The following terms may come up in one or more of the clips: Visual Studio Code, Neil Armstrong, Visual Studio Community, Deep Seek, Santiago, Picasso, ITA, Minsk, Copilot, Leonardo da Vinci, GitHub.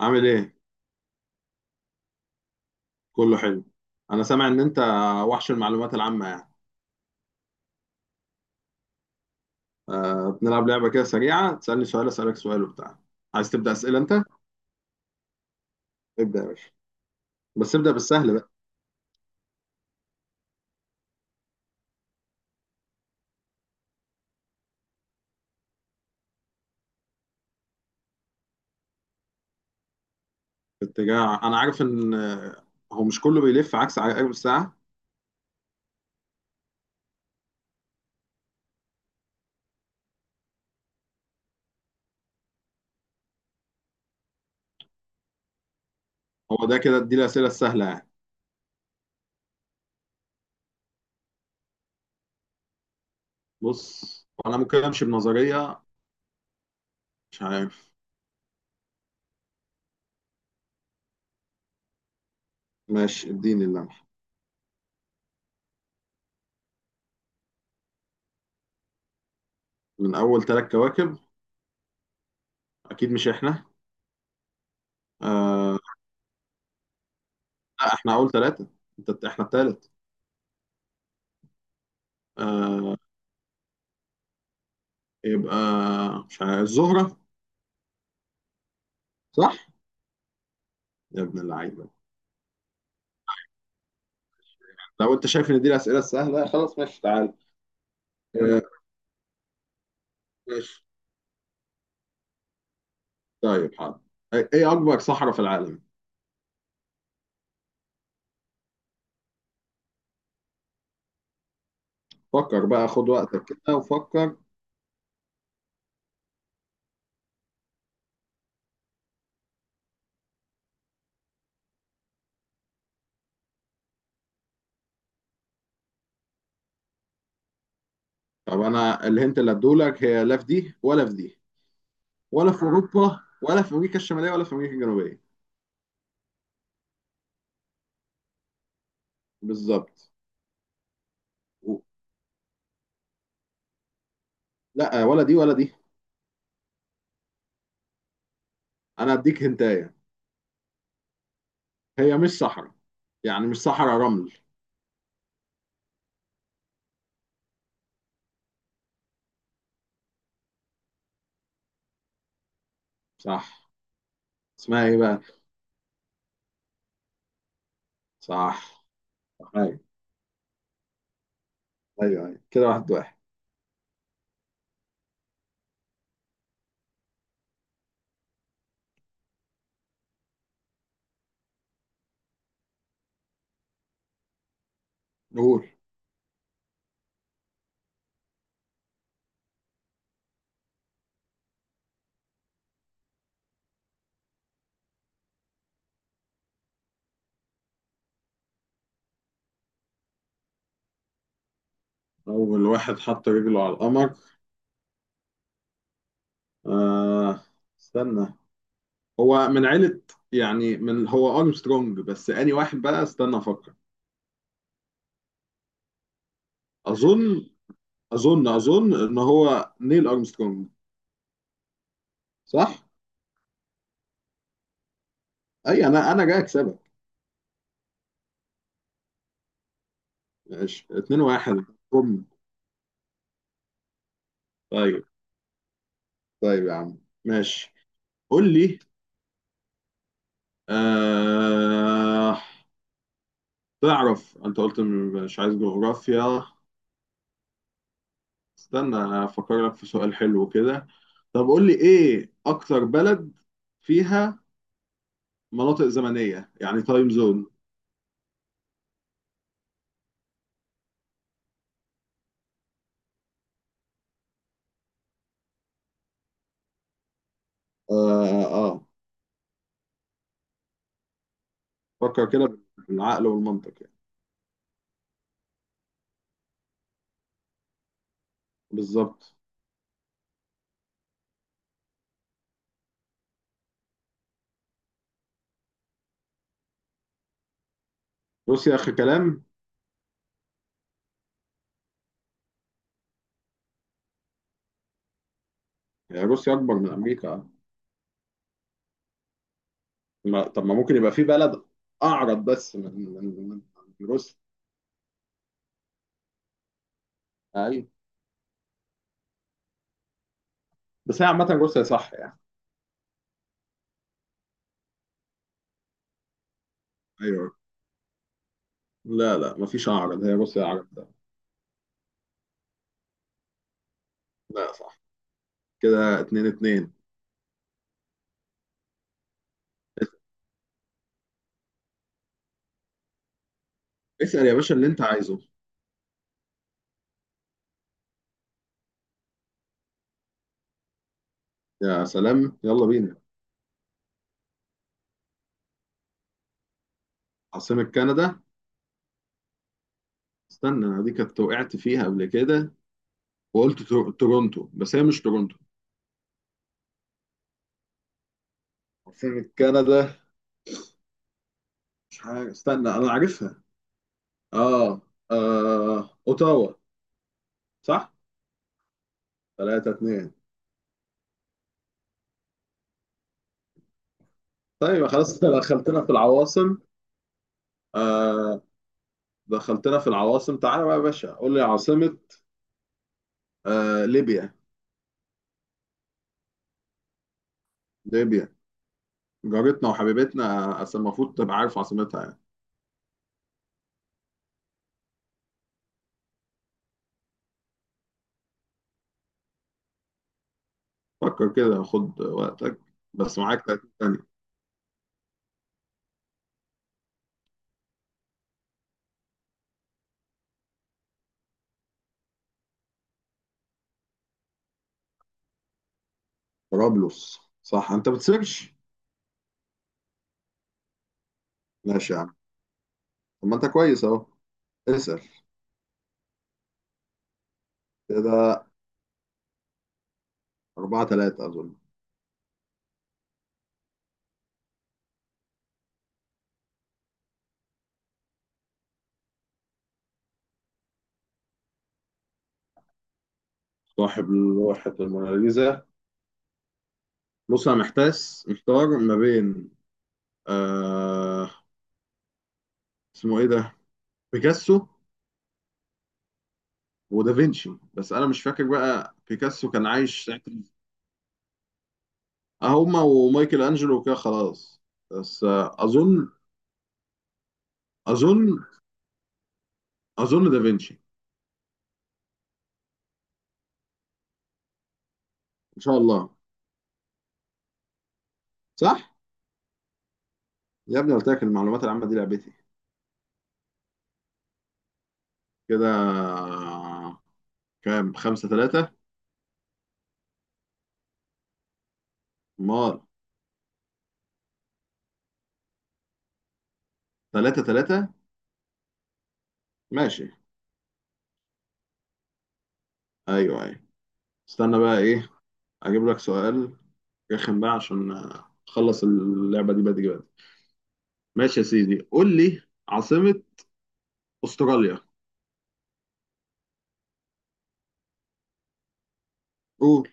عامل ايه؟ كله حلو. انا سامع ان انت وحش المعلومات العامة يعني. بنلعب لعبة كده سريعة، تسألني سؤال اسألك سؤال وبتاع. عايز تبدأ أسئلة انت؟ ابدأ يا باشا. بس ابدأ بالسهل بقى. اتجاه، انا عارف ان هو مش كله بيلف عكس عقارب الساعة. هو ده كده اديني الأسئلة السهلة يعني. بص انا ممكن امشي بنظرية. مش عارف. ماشي اديني اللمح. من اول ثلاث كواكب. اكيد مش احنا. أه. لا احنا اول ثلاثة. انت احنا الثالث. أه. يبقى، مش عارف، الزهرة. صح. يا ابن اللعيبه. لو انت شايف ان دي الاسئله السهله خلاص، ماشي تعال. آه. ماشي طيب حاضر. إيه اكبر صحراء في العالم؟ فكر بقى خد وقتك كده وفكر. طب انا الهنت اللي هديهولك، هي لا في دي ولا في دي، ولا في اوروبا ولا في امريكا الشماليه ولا في امريكا الجنوبيه. بالظبط. و- لا، ولا دي ولا دي. انا هديك هنتايه. هي مش صحراء، يعني مش صحراء رمل. صح. اسمها ايه بقى؟ صح. ايوه. ايوه أيوة. كده 1-1. قول. اول واحد حط رجله على القمر. آه. استنى، هو من عيلة، يعني من، هو ارمسترونج، بس اني واحد بقى استنى افكر. اظن اظن ان هو نيل ارمسترونج. صح؟ اي انا جاي اكسبك. ماشي 2-1. بوم. طيب. طيب يا عم. ماشي قول لي. آه. تعرف انت قلت مش عايز جغرافيا. استنى افكر لك في سؤال حلو كده. طب قول لي ايه اكتر بلد فيها مناطق زمنية، يعني تايم زون. اه اه. فكر كده بالعقل والمنطق يعني. بالظبط. روسيا اخر كلام. يعني روسيا اكبر من امريكا. ما طب، ما ممكن يبقى في بلد اعرض بس من روسيا. ايوه. بس هي عامة روسيا صح يعني. ايوه، لا لا، مفيش اعرض، هي روسيا اعرض ده. لا صح. كده 2-2. اسأل يا باشا اللي انت عايزه. يا سلام يلا بينا. عاصمة كندا. استنى انا دي كنت وقعت فيها قبل كده، وقلت تورونتو، بس هي مش تورونتو. عاصمة كندا. مش عارف، استنى انا عارفها. اه. اه اوتاوا. صح؟ 3-2. طيب خلاص انت دخلتنا في العواصم. آه. دخلتنا في العواصم، تعالى بقى يا باشا قول لي عاصمة ليبيا. ليبيا. جارتنا وحبيبتنا، أصل المفروض تبقى عارف عاصمتها يعني. فكر كده خد وقتك. بس معاك 30 ثانية. طرابلس. صح انت بتسيرش. ماشي يا عم. طب ما انت كويس اهو. اسأل. كده 4-3 أظن. صاحب لوحة الموناليزا. بص أنا محتاس محتار ما بين، آه اسمه إيه ده، بيكاسو ودافنشي، بس أنا مش فاكر بقى بيكاسو كان عايش ساعة. اه، هما ومايكل أنجلو وكده خلاص. بس أظن أظن دافنشي. إن شاء الله. صح؟ يا ابني قلت لك المعلومات العامة دي لعبتي. كده كام؟ خمسة ثلاثة؟ مار. 3-3. ماشي. أيوه أيوه. استنى بقى إيه، أجيب لك سؤال رخم بقى عشان اخلص اللعبه دي بدري بدري. ماشي يا سيدي قول لي عاصمه استراليا. قول.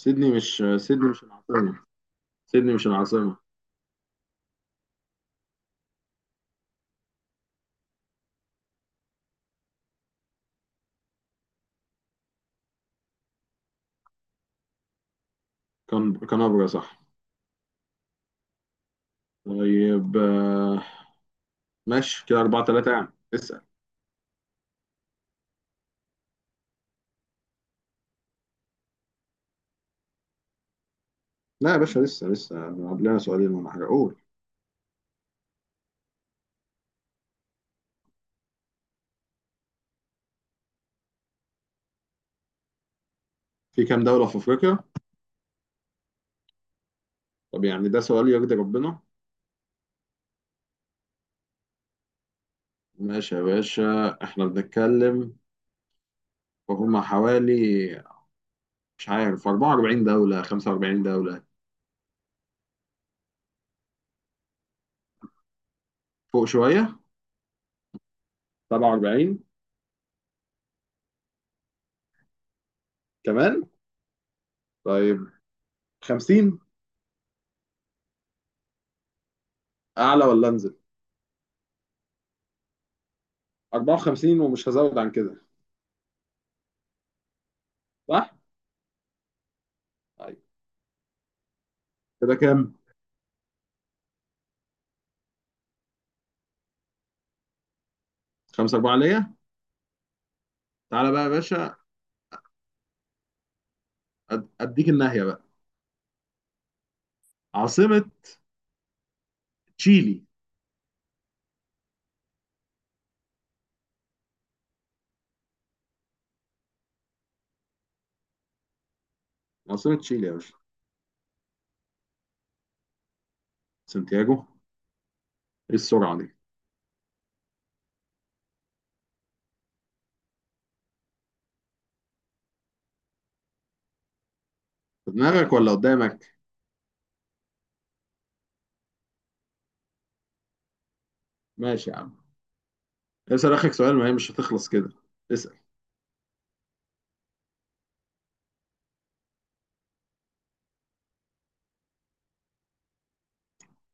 سيدني، مش سيدني مش العاصمه. سيدني مش العاصمه. كان كانبرا صح. طيب ماشي كده 4-3 يعني اسال. لا يا باشا، لسه لسه. قبلنا سؤالين ولا حاجه. قول. في كام دوله في افريقيا؟ طب يعني ده سؤال يرضي ربنا. ماشي يا باشا. احنا بنتكلم، فهم حوالي، مش عارف، 44 دولة 45 دولة. فوق شوية. 47. كمان. طيب. 50. اعلى ولا انزل؟ 54، ومش هزود عن كده. صح. طيب كده كام؟ 5-4 ليا. تعالى بقى يا باشا. اديك الناحيه بقى. عاصمه. تشيلي. عاصمه تشيلي يا باشا. سانتياغو. ايه السرعه دي. في دماغك ولا قدامك؟ ماشي يا عم. اسال اخك سؤال، ما هي مش هتخلص كده. اسال.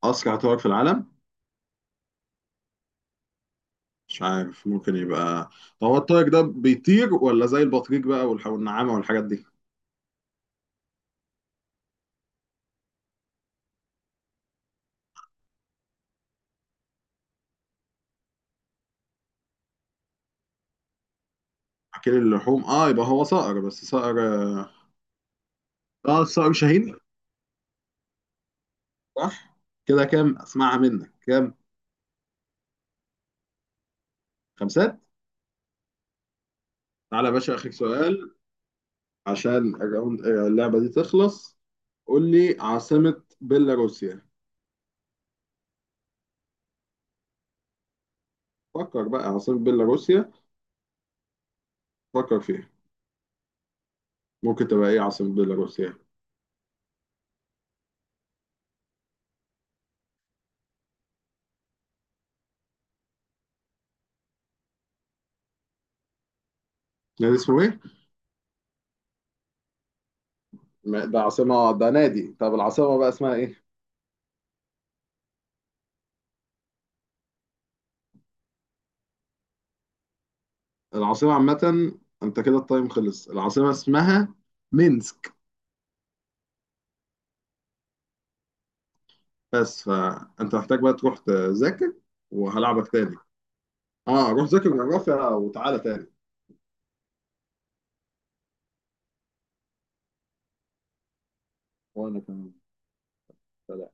اسرع طائر في العالم. مش عارف، ممكن يبقى. طب هو الطائر ده بيطير ولا زي البطريق بقى والنعامه والحاجات دي؟ اكل اللحوم، اه يبقى هو صقر، بس صقر. اه الصقر شاهين. صح. كده كام، اسمعها منك كام؟ خمسات. تعالى يا باشا اخر سؤال عشان اللعبه دي تخلص. قول لي عاصمه بيلاروسيا. فكر بقى عاصمه بيلاروسيا. فكر فيها. ممكن تبقى ايه عاصمه بيلاروسيا؟ نادي اسمه ايه؟ ده عاصمه؟ ده نادي. طب العاصمه بقى اسمها ايه؟ العاصمه عامه. انت كده التايم خلص، العاصمه اسمها مينسك. بس فانت محتاج بقى تروح تذاكر، وهلعبك تاني. اه روح ذاكر جغرافيا وتعالى تاني. وانا كمان. سلام.